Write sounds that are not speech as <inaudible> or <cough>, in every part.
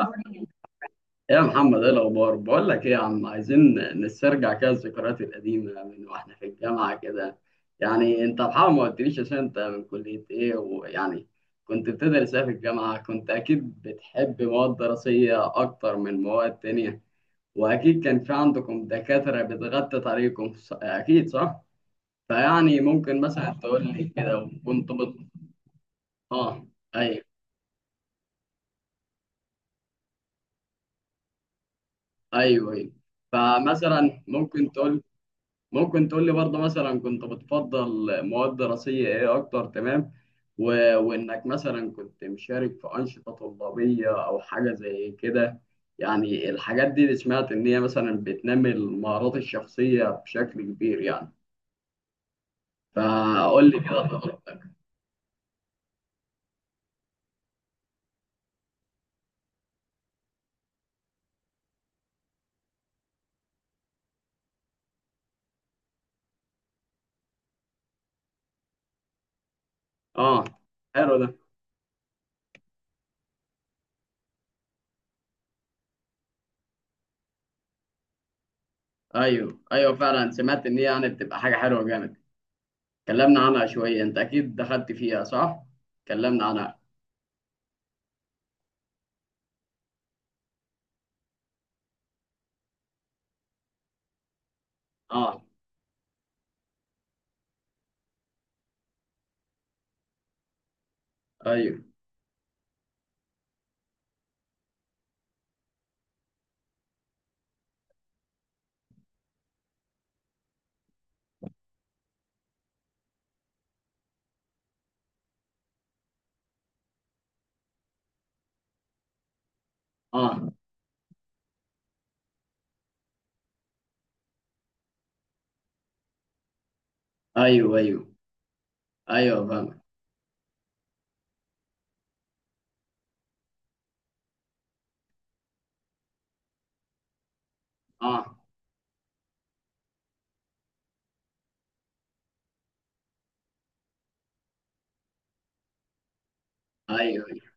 ايه يا محمد، ايه الاخبار؟ بقول لك ايه يا عم، عايزين نسترجع كده الذكريات القديمه من واحنا في الجامعه كده. يعني انت بحاول، ما قلتليش عشان انت من كليه ايه، ويعني كنت بتدرس ايه في الجامعه؟ كنت اكيد بتحب مواد دراسيه اكتر من مواد تانية، واكيد كان في عندكم دكاتره بتغطي طريقكم اكيد صح. فيعني ممكن مثلا تقول لي كده، اه، ايوه، ايوه، ايوه. فمثلا ممكن تقول لي برضه مثلا كنت بتفضل مواد دراسية ايه اكتر، تمام. و... وانك مثلا كنت مشارك في أنشطة طلابية او حاجة زي كده، يعني الحاجات دي اللي سمعت ان هي مثلا بتنمي المهارات الشخصية بشكل كبير يعني. فقول لي كده. اه، حلو ده. ايوه، ايوه، فعلا سمعت ان هي يعني بتبقى حاجة حلوة جامد. اتكلمنا عنها شوية، انت اكيد دخلت فيها صح؟ اتكلمنا عنها. اه، ايوه، اه، ايوه، ايوه، ايوه، فاهم. اه، ايوه، ايوه،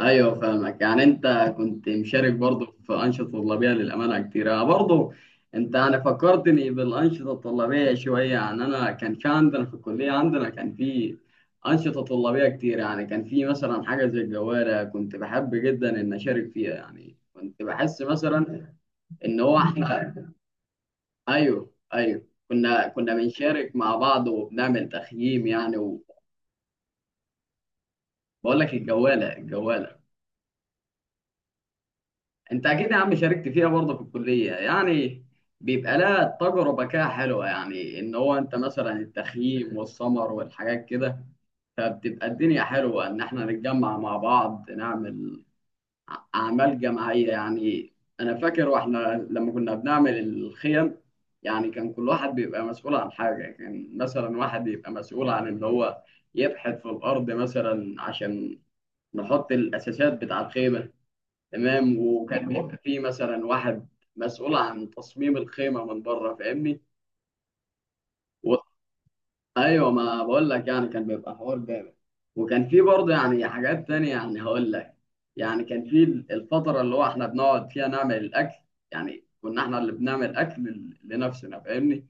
ايوه، فاهمك. يعني انت كنت مشارك برضه في انشطه طلابيه، للامانه كتير انا برضه، انت يعني فكرتني بالانشطه الطلابيه شويه. يعني انا كان في عندنا في الكليه، عندنا كان في انشطه طلابيه كتير. يعني كان في مثلا حاجه زي الجوالة، كنت بحب جدا ان اشارك فيها، يعني كنت بحس مثلا ان هو احنا <laughs> ايوه، ايوه، كنا بنشارك مع بعض وبنعمل تخييم يعني. وبقول لك الجواله، الجواله. انت اكيد يا عم شاركت فيها برضه في الكليه، يعني بيبقى لها تجربه كده حلوه، يعني ان هو انت مثلا التخييم والسمر والحاجات كده فبتبقى الدنيا حلوه ان احنا نتجمع مع بعض نعمل اعمال جماعيه يعني. انا فاكر واحنا لما كنا بنعمل الخيم، يعني كان كل واحد بيبقى مسؤول عن حاجه. كان مثلا واحد يبقى مسؤول عن ان هو يبحث في الارض مثلا عشان نحط الاساسات بتاع الخيمه، تمام. وكان، أيوة، بيبقى فيه مثلا واحد مسؤول عن تصميم الخيمة من بره، فاهمني؟ و... ايوه، ما بقول لك يعني كان بيبقى حوار جامد. وكان فيه برضه يعني حاجات تانية، يعني هقول لك، يعني كان فيه الفترة اللي هو احنا بنقعد فيها نعمل الأكل. يعني كنا احنا اللي بنعمل أكل لنفسنا، فاهمني؟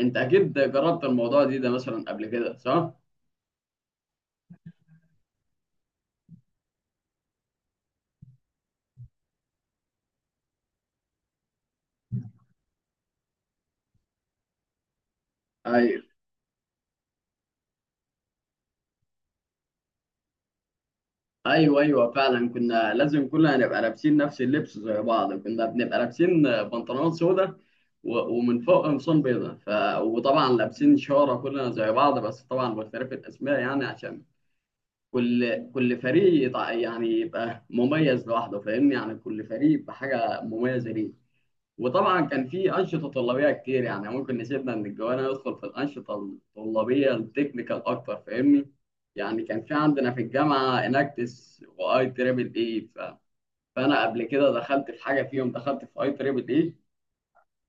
انت اكيد جربت الموضوع ده مثلا قبل كده صح؟ ايوه، ايوه، ايوه، فعلا كنا لازم كلنا نبقى لابسين نفس اللبس زي بعض. كنا بنبقى لابسين بنطلونات سودا ومن فوق قمصان بيضاء وطبعا لابسين شاره كلنا زي بعض، بس طبعا باختلاف الاسماء، يعني عشان كل فريق يعني يبقى مميز لوحده، فاهمني؟ يعني كل فريق بحاجه مميزه ليه. وطبعا كان في انشطه طلابيه كتير، يعني ممكن نسيبنا من الجوانا ندخل في الانشطه الطلابيه التكنيكال اكتر، فاهمني؟ يعني كان في عندنا في الجامعه اناكتس واي تريبل اي فانا قبل كده دخلت في حاجه فيهم، دخلت في IEEE.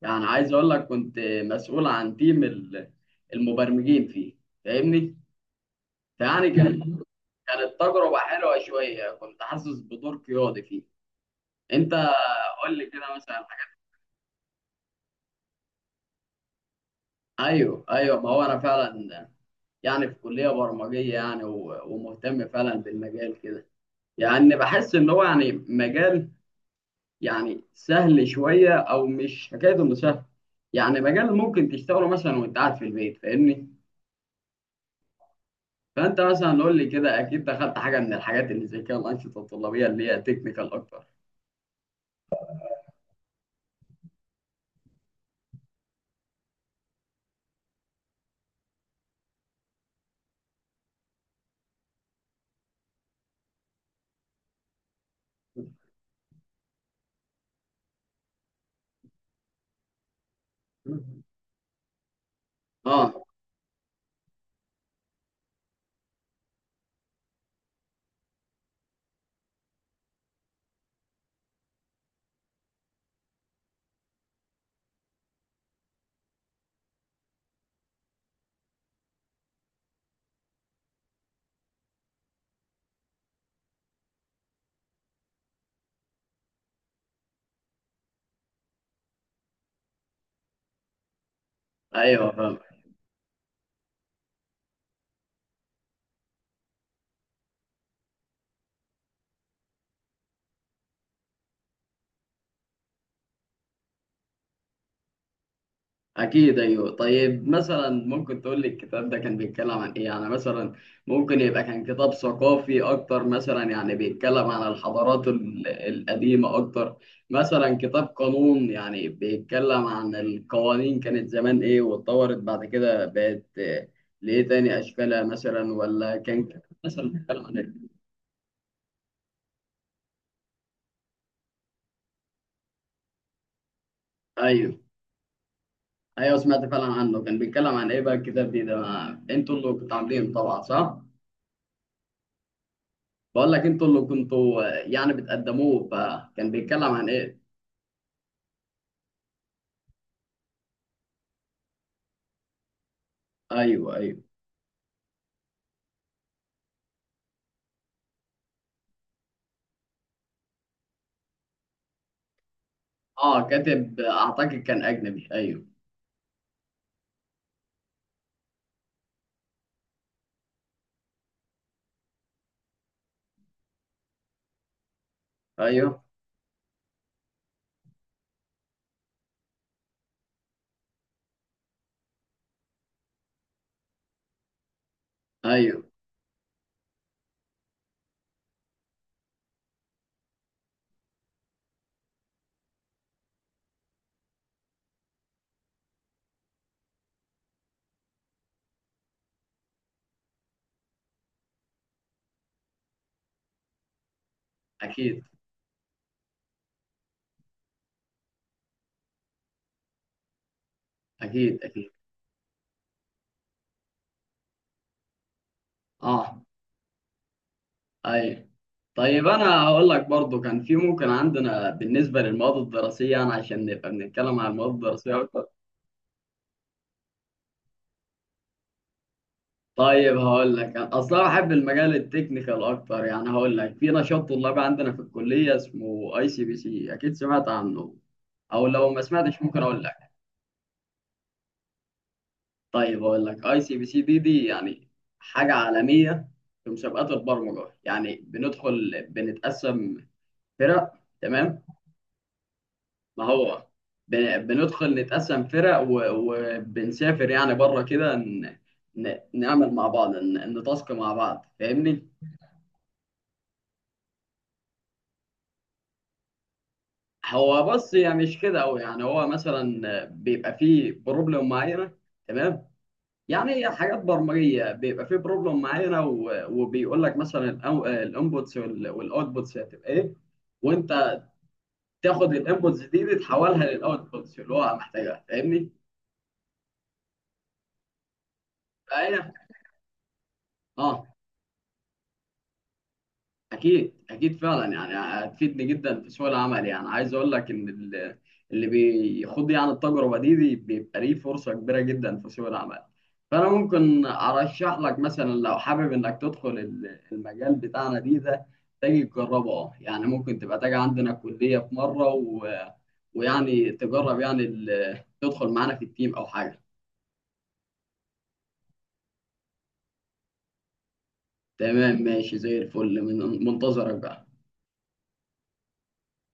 يعني عايز اقول لك كنت مسؤول عن تيم المبرمجين فيه، فاهمني؟ فيعني كانت مم. كانت تجربه حلوه شويه، كنت حاسس بدور قيادي فيه. انت قول لي كده مثلا حاجة. ايوه، ايوه، ما هو انا فعلا يعني في كلية برمجية يعني، ومهتم فعلا بالمجال كده. يعني بحس ان هو يعني مجال يعني سهل شوية، او مش حكاية انه سهل، يعني مجال ممكن تشتغله مثلا وانت قاعد في البيت، فاهمني؟ فانت مثلا قول لي كده، اكيد دخلت حاجة من الحاجات اللي زي كده الانشطة الطلابية اللي هي تكنيكال اكتر. <laughs> اه، ايوه، فاهم. أكيد، أيوه. طيب مثلا ممكن تقول لي الكتاب ده كان بيتكلم عن إيه؟ يعني مثلا ممكن يبقى كان كتاب ثقافي أكتر، مثلا يعني بيتكلم عن الحضارات القديمة أكتر، مثلا كتاب قانون يعني بيتكلم عن القوانين كانت زمان إيه واتطورت بعد كده بقت لإيه تاني أشكالها مثلا، ولا كان كتاب مثلا بيتكلم عن إيه؟ أيوه، أيوه، سمعت فعلا عنه. كان بيتكلم عن إيه بقى الكتاب ده؟ أنتوا اللي كنتوا عاملينه طبعا صح؟ بقول لك انتوا اللي كنتوا يعني بتقدموه، فكان بيتكلم عن ايه؟ ايوه، ايوه. اه، كاتب اعتقد كان اجنبي، ايوه. ايوه، ايوه، اكيد، اكيد، اكيد. اه، ايوه. طيب انا هقول لك برضو كان في ممكن عندنا بالنسبه للمواد الدراسيه، يعني عشان نبقى بنتكلم عن المواد الدراسيه اكتر. طيب هقول لك، انا اصلا بحب المجال التكنيكال اكتر. يعني هقول لك في نشاط طلابي عندنا في الكليه اسمه ICPC، اكيد سمعت عنه، او لو ما سمعتش ممكن اقول لك. طيب اقول لك، ICPC دي يعني حاجه عالميه في مسابقات البرمجه. يعني بندخل بنتقسم فرق، تمام؟ ما هو بندخل نتقسم فرق، وبنسافر يعني بره كده نعمل مع بعض، نتاسك مع بعض، فاهمني؟ هو بص، يعني مش كده قوي. يعني هو مثلا بيبقى فيه بروبلم معينه، تمام؟ يعني حاجات برمجيه، بيبقى في بروبلم معينه وبيقول لك مثلا الانبوتس والاوتبوتس هتبقى ايه، وانت تاخد الانبوتس دي تحولها للاوتبوتس اللي هو محتاجها، فاهمني؟ فهي، اه، اكيد، اكيد، فعلا يعني هتفيدني جدا في سوق العمل. يعني عايز اقول لك ان اللي بيخوض يعني التجربه دي بيبقى ليه فرصه كبيره جدا في سوق العمل. فانا ممكن ارشح لك مثلا، لو حابب انك تدخل المجال بتاعنا ده، تيجي تجربه. اه يعني ممكن تبقى تيجي عندنا الكليه في مره ويعني تجرب يعني تدخل معانا في التيم او حاجه. تمام، ماشي زي الفل، من منتظرك بقى.